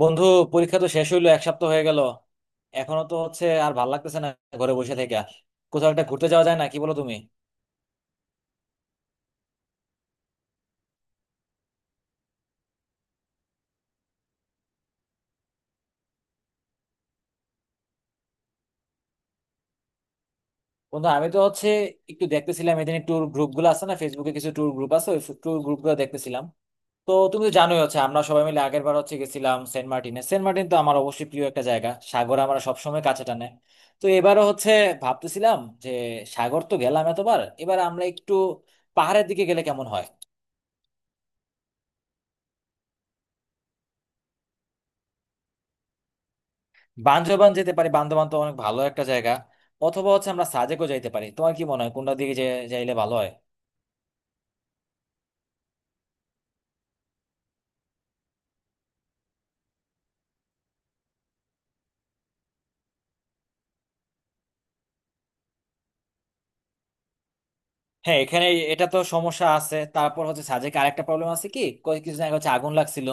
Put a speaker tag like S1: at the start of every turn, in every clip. S1: বন্ধু, পরীক্ষা তো শেষ হইলো, এক সপ্তাহ হয়ে গেল। এখনো তো আর ভাল লাগতেছে না ঘরে বসে থেকে। কোথাও একটা ঘুরতে যাওয়া যায় না কি, বলো তুমি? বন্ধু, আমি তো একটু দেখতেছিলাম এদিন, ট্যুর গ্রুপ গুলো আছে না, ফেসবুকে কিছু ট্যুর গ্রুপ আছে, ওই ট্যুর গ্রুপ গুলো দেখতেছিলাম। তো তুমি তো জানোই আমরা সবাই মিলে আগের বার গেছিলাম সেন্ট মার্টিনে। সেন্ট মার্টিন তো আমার অবশ্যই প্রিয় একটা জায়গা, সাগর আমরা সবসময় কাছে টানে। তো এবারও ভাবতেছিলাম যে, সাগর তো গেলাম এতবার, এবার আমরা একটু পাহাড়ের দিকে গেলে কেমন হয়? বান্দরবান যেতে পারি, বান্দরবান তো অনেক ভালো একটা জায়গা। অথবা আমরা সাজেকও যাইতে পারি। তোমার কি মনে হয়, কোনটা দিকে যাইলে ভালো হয়? হ্যাঁ, এখানে এটা তো সমস্যা আছে। তারপর সাজেকে আরেকটা প্রবলেম আছে কি, কয়েক কিছুদিন আগে আগুন লাগছিল।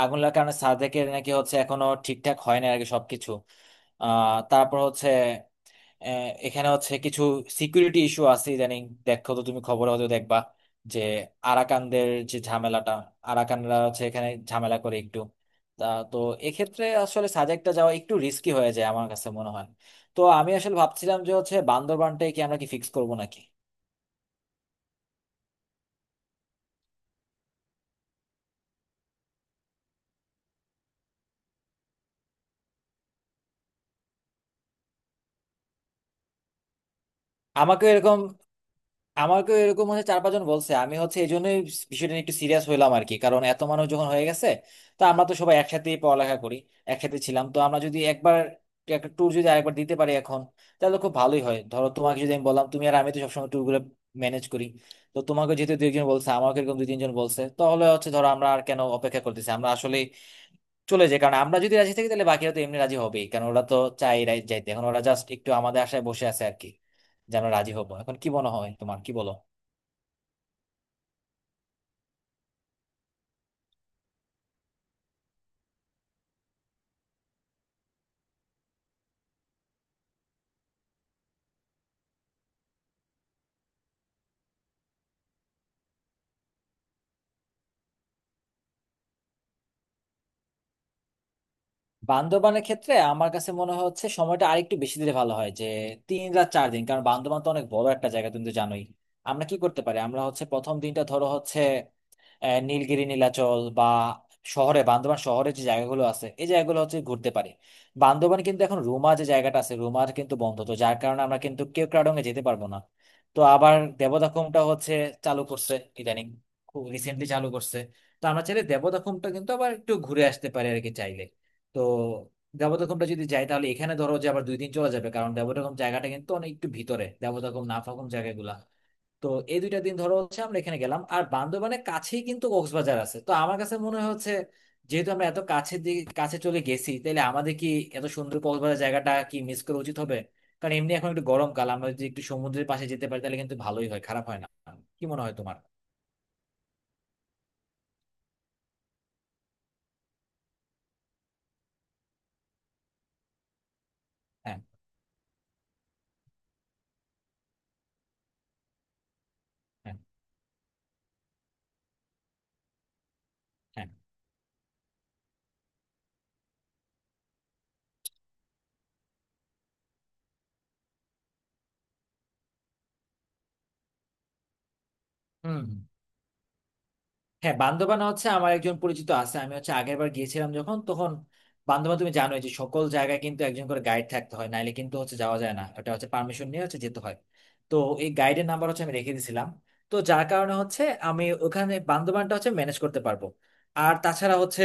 S1: আগুন লাগার কারণে সাজেকের নাকি এখনো ঠিকঠাক হয় না আর কি সবকিছু। তারপর এখানে কিছু সিকিউরিটি ইস্যু আছে ইদানিং। দেখো তো, তুমি খবর হয়তো দেখবা যে আরাকানদের যে ঝামেলাটা, আরাকানরা এখানে ঝামেলা করে একটু। তা তো এক্ষেত্রে আসলে সাজেকটা যাওয়া একটু রিস্কি হয়ে যায় আমার কাছে মনে হয়। তো আমি আসলে ভাবছিলাম যে বান্দরবানটাই কি আমরা কি ফিক্স করবো নাকি? আমাকে এরকম আমাকে এরকম চার পাঁচজন বলছে। আমি এই জন্যই বিষয়টা নিয়ে একটু সিরিয়াস হলাম আর কি, কারণ এত মানুষ যখন হয়ে গেছে। তো আমরা তো সবাই একসাথেই পড়ালেখা করি, একসাথে ছিলাম। তো আমরা যদি একবার একটা ট্যুর যদি আরেকবার দিতে পারি এখন, তাহলে খুব ভালোই হয়। ধরো তোমাকে যদি আমি বললাম, তুমি আর আমি তো সবসময় ট্যুর গুলো ম্যানেজ করি। তো তোমাকে যেহেতু দুইজন বলছে, আমাকে এরকম দুই তিনজন বলছে, তাহলে ধরো, আমরা আর কেন অপেক্ষা করতেছি, আমরা আসলে চলে যাই। কারণ আমরা যদি রাজি থাকি তাহলে বাকিরা তো এমনি রাজি হবেই, কারণ ওরা তো যাইতে এখন ওরা জাস্ট একটু আমাদের আশায় বসে আছে আর কি, যে আমরা রাজি হবো। এখন কি মনে হয় তোমার, কি বলো? বান্দরবানের ক্ষেত্রে আমার কাছে মনে হচ্ছে সময়টা আরেকটু বেশি দিলে ভালো হয়, যে 3 রাত 4 দিন, কারণ বান্দরবান তো অনেক বড় একটা জায়গা, তুমি তো জানোই। আমরা কি করতে পারি, আমরা প্রথম দিনটা ধরো নীলগিরি, নীলাচল বা শহরে, বান্দরবান শহরে যে জায়গাগুলো আছে, এই জায়গাগুলো ঘুরতে পারি। বান্দরবান কিন্তু এখন রুমা যে জায়গাটা আছে, রুমার কিন্তু বন্ধ, তো যার কারণে আমরা কিন্তু কেওক্রাডং এ যেতে পারবো না। তো আবার দেবদাখুমটা চালু করছে ইদানিং, খুব রিসেন্টলি চালু করছে। তো আমরা চাইলে দেবদাখুমটা কিন্তু আবার একটু ঘুরে আসতে পারি আর কি, চাইলে। তো দেবদাখুমটা যদি যাই তাহলে এখানে ধরো যে আবার 2 দিন চলে যাবে, কারণ দেবদাখুম জায়গাটা কিন্তু অনেক একটু ভিতরে, দেবদাখুম নাফাখুম জায়গাগুলা। তো এই দুইটা দিন ধরো আমরা এখানে গেলাম। আর বান্দরবানের কাছেই কিন্তু কক্সবাজার আছে, তো আমার কাছে মনে হচ্ছে যেহেতু আমরা এত কাছে কাছে চলে গেছি, তাহলে আমাদের কি এত সুন্দর কক্সবাজার জায়গাটা কি মিস করা উচিত হবে? কারণ এমনি এখন একটু গরমকাল, আমরা যদি একটু সমুদ্রের পাশে যেতে পারি তাহলে কিন্তু ভালোই হয়, খারাপ হয় না। কি মনে হয় তোমার? হ্যাঁ, হ্যাঁ, হ্যাঁ। হুম, হুম। হ্যাঁ, বান্দরবান আমার একজন পরিচিত আছে। আমি আগের বার গিয়েছিলাম যখন, তখন বান্দরবান, তুমি জানোই যে সকল জায়গায় কিন্তু একজন করে গাইড থাকতে হয়, নাইলে কিন্তু যাওয়া যায় না, এটা পারমিশন নিয়ে যেতে হয়। তো এই গাইডের নাম্বার আমি রেখে দিয়েছিলাম, তো যার কারণে আমি ওখানে বান্দরবানটা ম্যানেজ করতে পারবো। আর তাছাড়া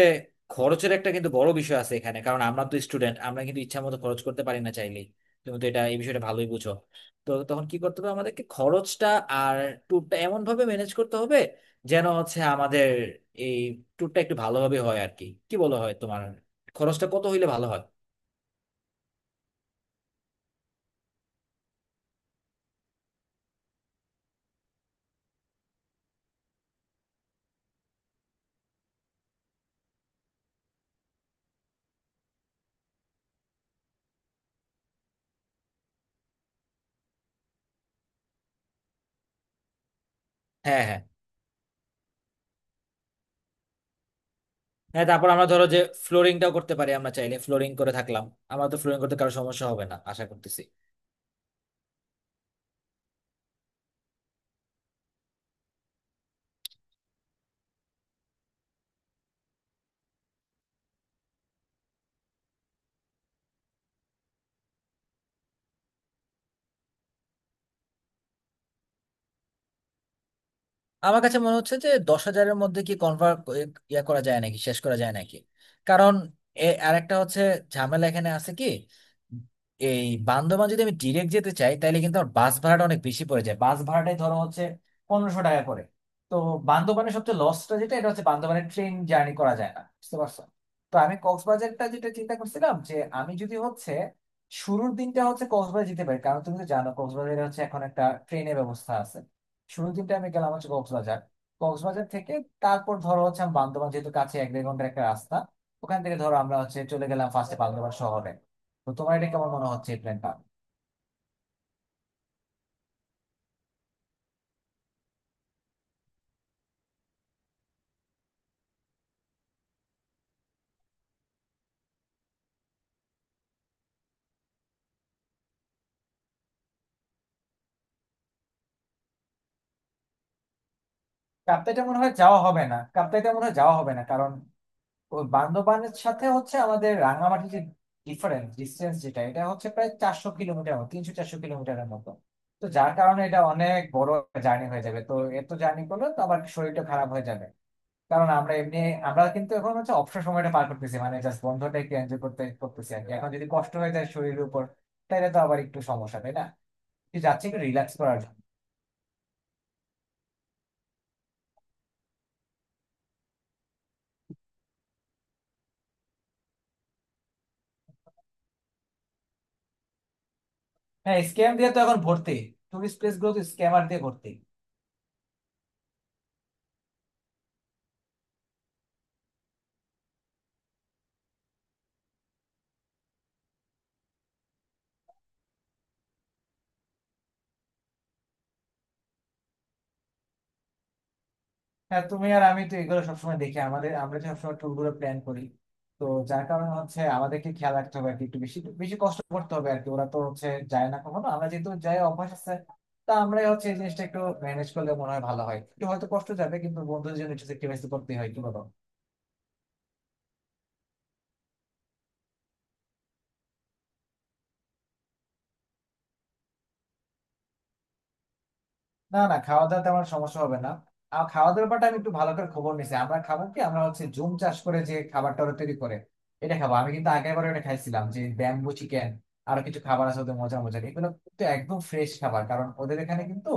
S1: খরচের একটা কিন্তু বড় বিষয় আছে এখানে, কারণ আমরা তো স্টুডেন্ট, আমরা কিন্তু ইচ্ছা মতো খরচ করতে পারি না চাইলেই। তুমি তো এটা, এই বিষয়টা ভালোই বুঝো। তো তখন কি করতে হবে আমাদেরকে, খরচটা আর ট্যুরটা এমন ভাবে ম্যানেজ করতে হবে যেন আমাদের এই ট্যুরটা একটু ভালোভাবে হয় আর কি। কি বলো হয় তোমার, খরচটা কত হইলে ভালো হয়? হ্যাঁ, হ্যাঁ, হ্যাঁ। তারপর আমরা ধরো যে ফ্লোরিংটাও করতে পারি, আমরা চাইলে ফ্লোরিং করে থাকলাম। আমার তো ফ্লোরিং করতে কারো সমস্যা হবে না আশা করতেছি। আমার কাছে মনে হচ্ছে যে 10 হাজারের মধ্যে কি কনভার্ট, ইয়া করা যায় নাকি, শেষ করা যায় নাকি। কারণ আর একটা ঝামেলা এখানে আছে কি, এই বান্দরবান যদি আমি ডিরেক্ট যেতে চাই তাহলে কিন্তু আমার বাস ভাড়াটা অনেক বেশি পড়ে যায়। বাস ভাড়াটাই ধরো 1500 টাকা করে। তো বান্দরবানের সবচেয়ে লসটা যেটা, এটা বান্দরবানের ট্রেন জার্নি করা যায় না, বুঝতে পারছো? তো আমি কক্সবাজারটা যেটা চিন্তা করছিলাম যে আমি যদি শুরুর দিনটা কক্সবাজার যেতে পারি, কারণ তুমি তো জানো কক্সবাজারে এখন একটা ট্রেনের ব্যবস্থা আছে। শুরুর দিনটা আমি গেলাম কক্সবাজার। কক্সবাজার থেকে তারপর ধরো আমি বান্দরবান, যেহেতু কাছে, 1-1.5 ঘন্টার একটা রাস্তা। ওখান থেকে ধরো আমরা চলে গেলাম ফার্স্টে বান্দরবান শহরে। তো তোমার এটা কেমন মনে হচ্ছে এই প্ল্যানটা? কাপ্তাইটা মনে হয় যাওয়া হবে না, কারণ ওই বান্দরবানের সাথে আমাদের রাঙামাটি যে ডিস্টেন্স যেটা, এটা প্রায় 400 কিলোমিটার মতো, 300-400 কিলোমিটারের মতো। তো যার কারণে এটা অনেক বড় জার্নি হয়ে যাবে। তো এত জার্নি করলে তো আবার শরীরটা খারাপ হয়ে যাবে, কারণ আমরা এমনি আমরা কিন্তু এখন অবসর সময়টা পার করতেছি, মানে জাস্ট বন্ধটা একটু এনজয় করতে করতেছি আর কি। এখন যদি কষ্ট হয়ে যায় শরীরের উপর তাহলে তো আবার একটু সমস্যা, তাই না? তুই যাচ্ছে একটু রিল্যাক্স করার জন্য। হ্যাঁ, স্ক্যাম দিয়ে তো এখন ভর্তি, টুরিস্ট প্লেস গুলো তো স্ক্যামার দিয়ে ভর্তি। হ্যাঁ, তুমি আর আমি তো এগুলো সবসময় দেখি, আমাদের আমরা যে সবসময় ট্যুর গুলো প্ল্যান করি। তো যার কারণে আমাদেরকে খেয়াল রাখতে হবে আর কি, একটু বেশি বেশি কষ্ট করতে হবে আর কি। ওরা তো যায় না কখনো, আমরা যেহেতু যাই, অভ্যাস আছে। তা আমরাই এই জিনিসটা একটু ম্যানেজ করলে মনে হয় ভালো হয়। একটু হয়তো কষ্ট যাবে, কিন্তু বন্ধুদের জন্য একটু স্যাক্রিফাইস করতে হয়, কি বলো? না, না, খাওয়া দাওয়াতে আমার সমস্যা হবে না। আর খাওয়া দাওয়ার ব্যাপারটা আমি একটু ভালো করে খবর নিছি। আমরা খাবার কি, আমরা জুম চাষ করে যে খাবারটা ওরা তৈরি করে, এটা খাবো। আমি কিন্তু আগের বার এটা খাইছিলাম, যে ব্যাম্বু চিকেন। আরো কিছু খাবার আছে ওদের মজা মজার, এগুলো কিন্তু একদম ফ্রেশ খাবার, কারণ ওদের এখানে কিন্তু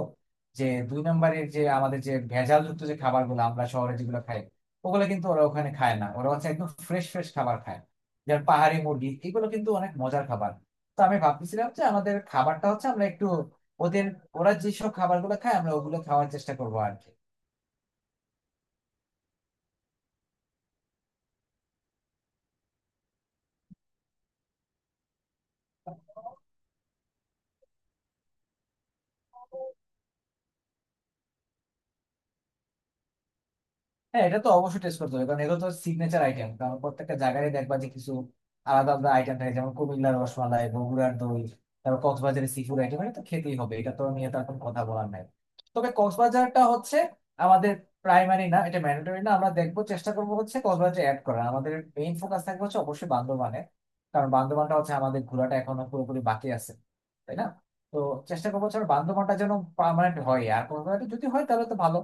S1: যে দুই নম্বরের যে আমাদের যে ভেজাল যুক্ত যে খাবারগুলো আমরা শহরে যেগুলো খাই, ওগুলো কিন্তু ওরা ওখানে খায় না। ওরা একদম ফ্রেশ ফ্রেশ খাবার খায়। যেমন পাহাড়ি মুরগি, এগুলো কিন্তু অনেক মজার খাবার। তো আমি ভাবতেছিলাম যে আমাদের খাবারটা আমরা একটু ওদের, ওরা যেসব খাবারগুলো খায় আমরা ওগুলো খাওয়ার চেষ্টা করবো আর কি। হ্যাঁ, এটা তো অবশ্যই টেস্ট করতে হবে, কারণ এগুলো তো সিগনেচার আইটেম। কারণ প্রত্যেকটা জায়গায় দেখবা যে কিছু আলাদা আলাদা আইটেম থাকে, যেমন কুমিল্লার রসমালাই, বগুড়ার দই, তারপর কক্সবাজারের সি ফুড আইটেম, এটা তো খেতেই হবে, এটা তো নিয়ে তার কোনো কথা বলার নাই। তবে কক্সবাজারটা আমাদের প্রাইমারি না, এটা ম্যান্ডেটরি না। আমরা দেখবো, চেষ্টা করবো কক্সবাজার অ্যাড করা। আমাদের মেইন ফোকাস থাকবে অবশ্যই বান্দরবানে, কারণ বান্দরবানটা আমাদের ঘোরাটা এখনো পুরোপুরি বাকি আছে, তাই না? তো চেষ্টা করবো আমার বান্দরবানটা যেন পার্মানেন্ট হয়, আর কক্সবাজারটা যদি হয় তাহলে তো ভালো,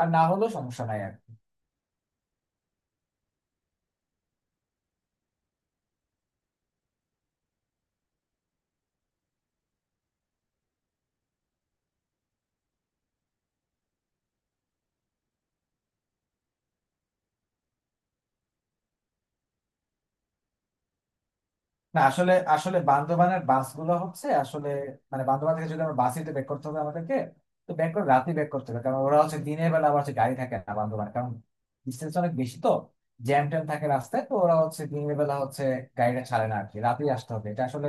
S1: আর না হলেও সমস্যা নাই আর। না, আসলে আসলে বান্দরবানের বাসগুলো আসলে মানে বান্দরবান থেকে যদি আমরা বাসিতে ব্যাক করতে হবে আমাদেরকে, তো ব্যাক করে রাতে ব্যাক করতে হবে, কারণ ওরা দিনের বেলা আবার গাড়ি থাকে না বান্দরবান, কারণ ডিস্টেন্স অনেক বেশি। তো জ্যাম ট্যাম থাকে রাস্তায়, তো ওরা দিনের বেলা গাড়িটা ছাড়ে না আর কি। রাতেই আসতে হবে, এটা আসলে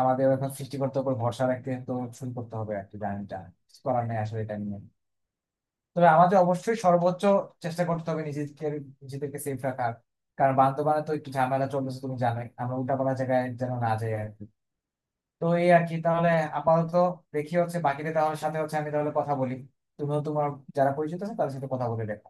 S1: আমাদের এখন সৃষ্টিকর্তার উপর ভরসা রাখতে, তো শুরু করতে হবে আর কি জার্নিটা, করার নেই আসলে এটা নিয়ে। তবে আমাদের অবশ্যই সর্বোচ্চ চেষ্টা করতে হবে নিজেদের, নিজেদেরকে সেফ রাখার, কারণ বান্দরবানে তো একটু ঝামেলা চলতেছে, তুমি জানোই। আমরা উল্টাপাল্টা জায়গায় যেন না যাই আর কি। তো এই আর কি, তাহলে আপাতত দেখি বাকিদের তাহলে সাথে আমি তাহলে কথা বলি। তুমিও তোমার যারা পরিচিত আছে তাদের সাথে কথা বলে দেখো।